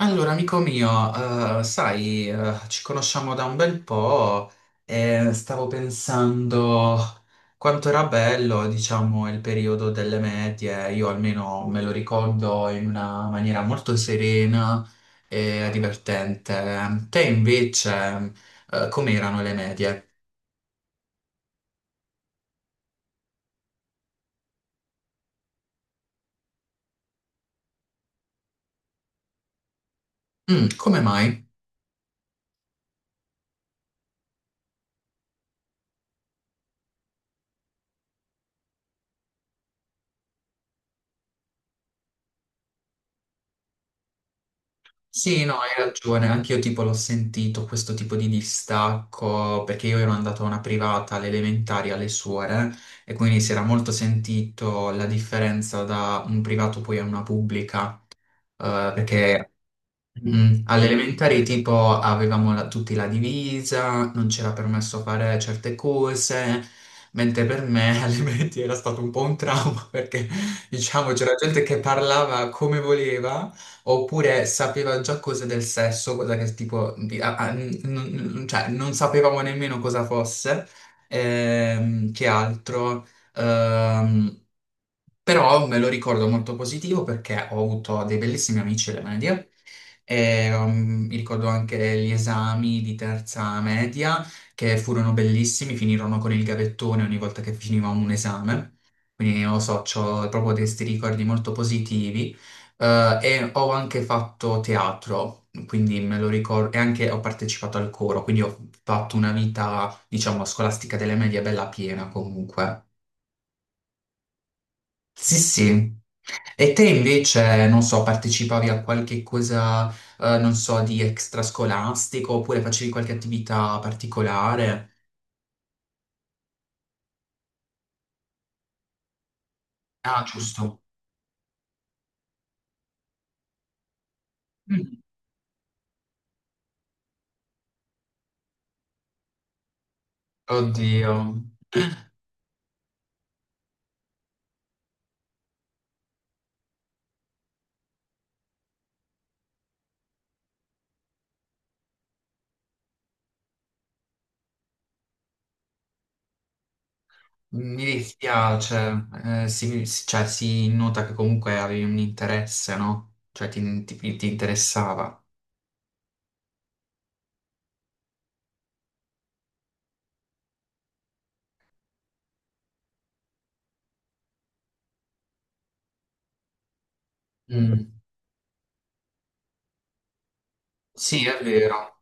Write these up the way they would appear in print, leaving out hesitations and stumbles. Allora, amico mio, sai, ci conosciamo da un bel po' e stavo pensando quanto era bello, diciamo, il periodo delle medie. Io almeno me lo ricordo in una maniera molto serena e divertente. Te invece, come erano le medie? Mm, come mai? Sì, no, hai ragione, anche io tipo l'ho sentito questo tipo di distacco perché io ero andato a una privata alle elementari alle suore e quindi si era molto sentito la differenza da un privato poi a una pubblica perché Mm, alle elementari tipo avevamo tutti la divisa, non c'era permesso fare certe cose, mentre per me alle medie era stato un po' un trauma perché diciamo c'era gente che parlava come voleva oppure sapeva già cose del sesso, cosa che tipo cioè, non sapevamo nemmeno cosa fosse, che altro. Ehm, Però me lo ricordo molto positivo perché ho avuto dei bellissimi amici alle medie. E, mi ricordo anche gli esami di terza media che furono bellissimi, finirono con il gavettone ogni volta che finiva un esame. Quindi non lo so, ho proprio questi ricordi molto positivi. E ho anche fatto teatro, quindi me lo ricordo, e anche ho partecipato al coro, quindi ho fatto una vita, diciamo, scolastica delle medie bella piena comunque. Sì, sì. E te invece, non so, partecipavi a qualche cosa, non so, di extrascolastico oppure facevi qualche attività particolare? Ah, giusto. Mm. Oddio. Mi dispiace, cioè, si nota che comunque avevi un interesse, no? Cioè ti interessava. Mm. Sì, è vero.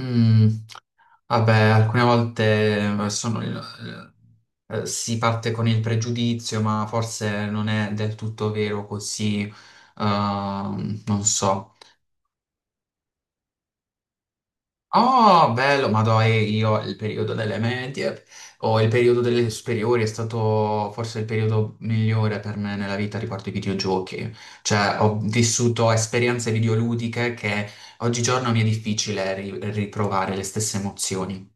Mm. Vabbè, alcune volte eh, sono il- si parte con il pregiudizio, ma forse non è del tutto vero così, non so. Oh, bello, ma dai, io il periodo delle medie o il periodo delle superiori è stato forse il periodo migliore per me nella vita riguardo ai videogiochi. Cioè, ho vissuto esperienze videoludiche che oggigiorno mi è difficile riprovare le stesse emozioni.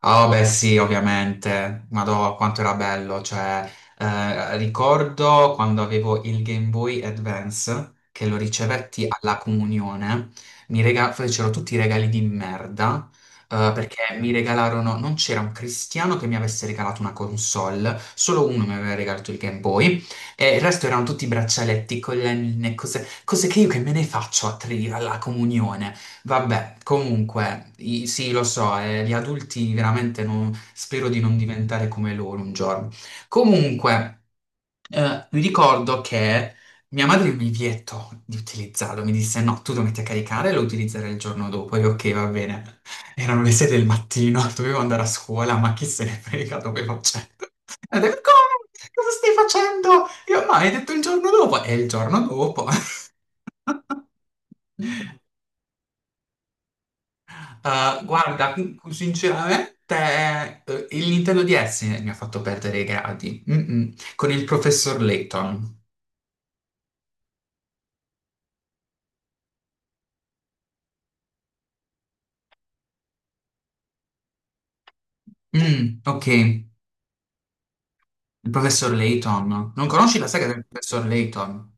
Ah, beh, sì, ovviamente. Madò, quanto era bello. Cioè, ricordo quando avevo il Game Boy Advance, che lo ricevetti alla comunione, fecero tutti i regali di merda, perché mi regalarono... Non c'era un cristiano che mi avesse regalato una console, solo uno mi aveva regalato il Game Boy, e il resto erano tutti braccialetti, collanine, cose, cose che io che me ne faccio alla comunione. Vabbè, comunque, sì, lo so, gli adulti veramente spero di non diventare come loro un giorno. Comunque, mi ricordo che mia madre mi vietò di utilizzarlo, mi disse no, tu lo metti a caricare e lo utilizzerai il giorno dopo. Io ok, va bene. Erano le 6 del mattino, dovevo andare a scuola, ma chi se ne frega, dovevo accendere. E ho detto, come? Cosa stai facendo? Io no, hai detto il giorno dopo. E il giorno dopo. Guarda, sinceramente, il Nintendo DS mi ha fatto perdere i gradi. Mm-mm. Con il professor Layton. Mm, ok, il professor Layton. Non conosci la saga del professor Layton?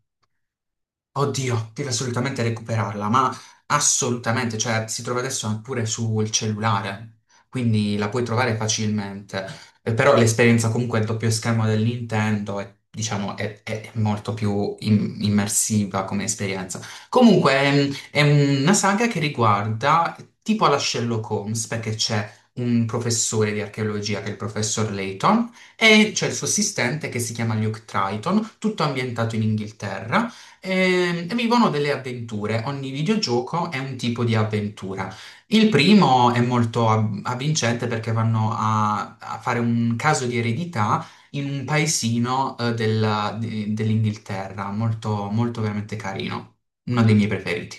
Oddio, deve assolutamente recuperarla, ma assolutamente, cioè si trova adesso anche pure sul cellulare, quindi la puoi trovare facilmente. Però l'esperienza comunque del doppio schermo del Nintendo è, diciamo, è molto più immersiva come esperienza. Comunque è una saga che riguarda tipo alla Sherlock Holmes, perché c'è un professore di archeologia che è il professor Layton e c'è il suo assistente che si chiama Luke Triton, tutto ambientato in Inghilterra. E vivono delle avventure. Ogni videogioco è un tipo di avventura. Il primo è molto avvincente perché vanno a fare un caso di eredità in un paesino, dell'Inghilterra, molto, molto veramente carino. Uno dei miei preferiti.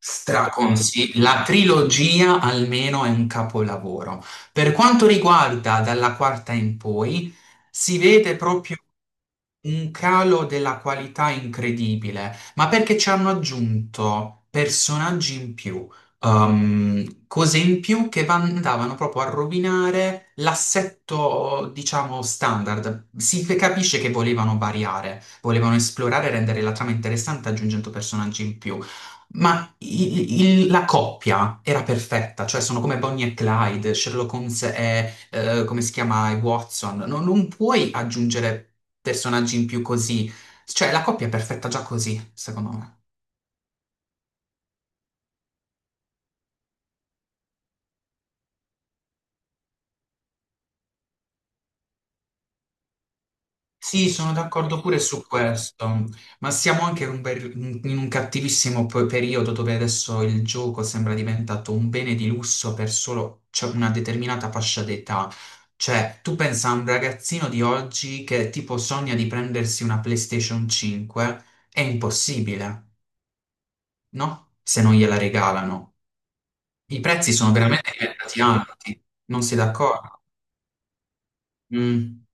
D'accordo. Straconsiglio. La trilogia almeno è un capolavoro. Per quanto riguarda dalla quarta in poi, si vede proprio un calo della qualità incredibile, ma perché ci hanno aggiunto personaggi in più, cose in più che andavano proprio a rovinare l'assetto, diciamo, standard. Si capisce che volevano variare, volevano esplorare e rendere la trama interessante aggiungendo personaggi in più. Ma la coppia era perfetta, cioè sono come Bonnie e Clyde, Sherlock Holmes e, come si chiama, e Watson. Non puoi aggiungere personaggi in più così. Cioè, la coppia è perfetta già così, secondo me. Sì, sono d'accordo pure su questo, ma siamo anche in un, in un cattivissimo periodo dove adesso il gioco sembra diventato un bene di lusso per solo cioè, una determinata fascia d'età. Cioè, tu pensa a un ragazzino di oggi che tipo sogna di prendersi una PlayStation 5, è impossibile, no? Se non gliela regalano. I prezzi sono veramente diventati alti, non sei d'accordo? Mm,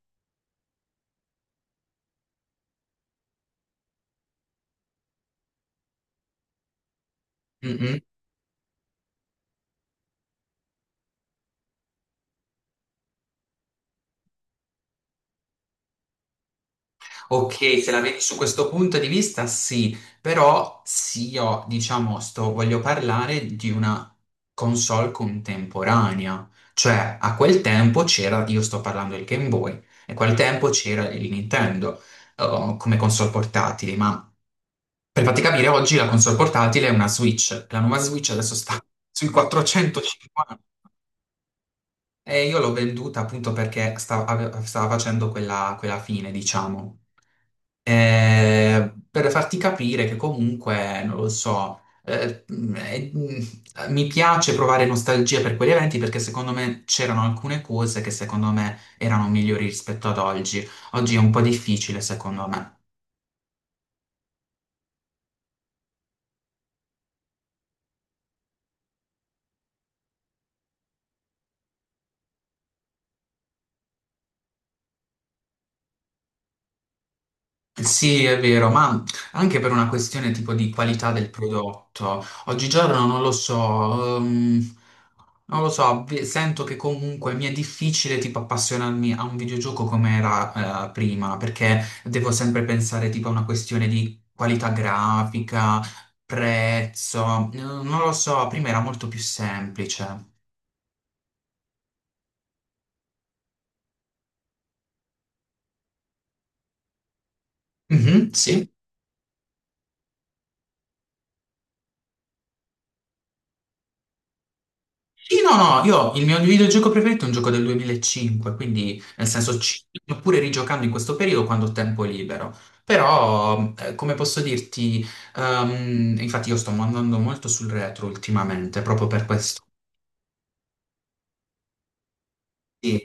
mm, mm. Ok, se la vedi su questo punto di vista, sì, però sì, io diciamo, sto, voglio parlare di una console contemporanea, cioè a quel tempo c'era, io sto parlando del Game Boy, e a quel tempo c'era il Nintendo come console portatili, ma per farti capire, oggi la console portatile è una Switch, la nuova Switch adesso sta sui 450. E io l'ho venduta appunto perché stava facendo quella, quella fine, diciamo. Per farti capire che comunque, non lo so, mi piace provare nostalgia per quegli eventi perché secondo me c'erano alcune cose che secondo me erano migliori rispetto ad oggi. Oggi è un po' difficile, secondo me. Sì, è vero, ma anche per una questione tipo di qualità del prodotto. Oggigiorno non lo so, non lo so, sento che comunque mi è difficile tipo appassionarmi a un videogioco come era prima, perché devo sempre pensare tipo a una questione di qualità grafica, prezzo, non lo so, prima era molto più semplice. Mhm, sì. Sì, no, no, io il mio videogioco preferito è un gioco del 2005, quindi nel senso ci sto pure rigiocando in questo periodo quando ho tempo libero. Però, come posso dirti, infatti io sto andando molto sul retro ultimamente, proprio per questo. Sì,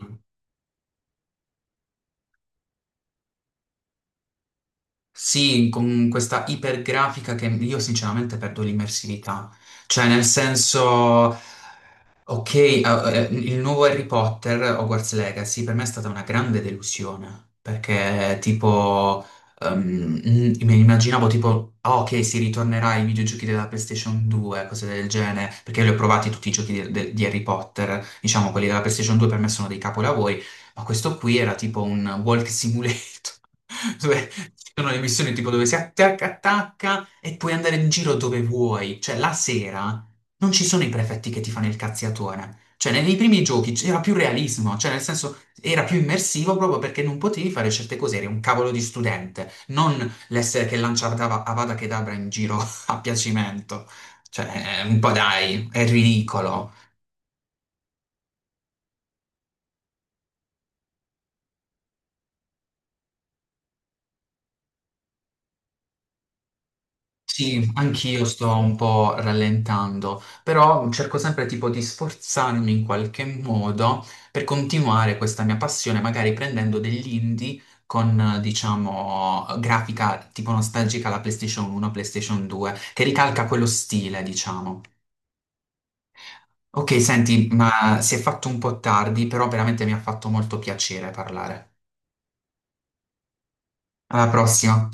sì, con questa ipergrafica che io sinceramente perdo l'immersività. Cioè, nel senso... Ok, il nuovo Harry Potter, Hogwarts Legacy, per me è stata una grande delusione, perché tipo, ehm, mi immaginavo tipo, ah, ok, si ritornerà ai videogiochi della PlayStation 2, cose del genere, perché li ho provati tutti i giochi di Harry Potter, diciamo, quelli della PlayStation 2 per me sono dei capolavori, ma questo qui era tipo un walk simulator, dove ci sono le missioni tipo dove si attacca, attacca e puoi andare in giro dove vuoi, cioè la sera non ci sono i prefetti che ti fanno il cazziatore. Cioè, nei primi giochi c'era più realismo, cioè nel senso era più immersivo proprio perché non potevi fare certe cose, eri un cavolo di studente, non l'essere che lanciava Avada Kedavra in giro a piacimento. Cioè, un po' dai, è ridicolo. Sì, anch'io sto un po' rallentando, però cerco sempre tipo di sforzarmi in qualche modo per continuare questa mia passione, magari prendendo degli indie con, diciamo, grafica tipo nostalgica alla PlayStation 1, PlayStation 2, che ricalca quello stile, diciamo. Ok, senti, ma si è fatto un po' tardi, però veramente mi ha fatto molto piacere parlare. Alla prossima.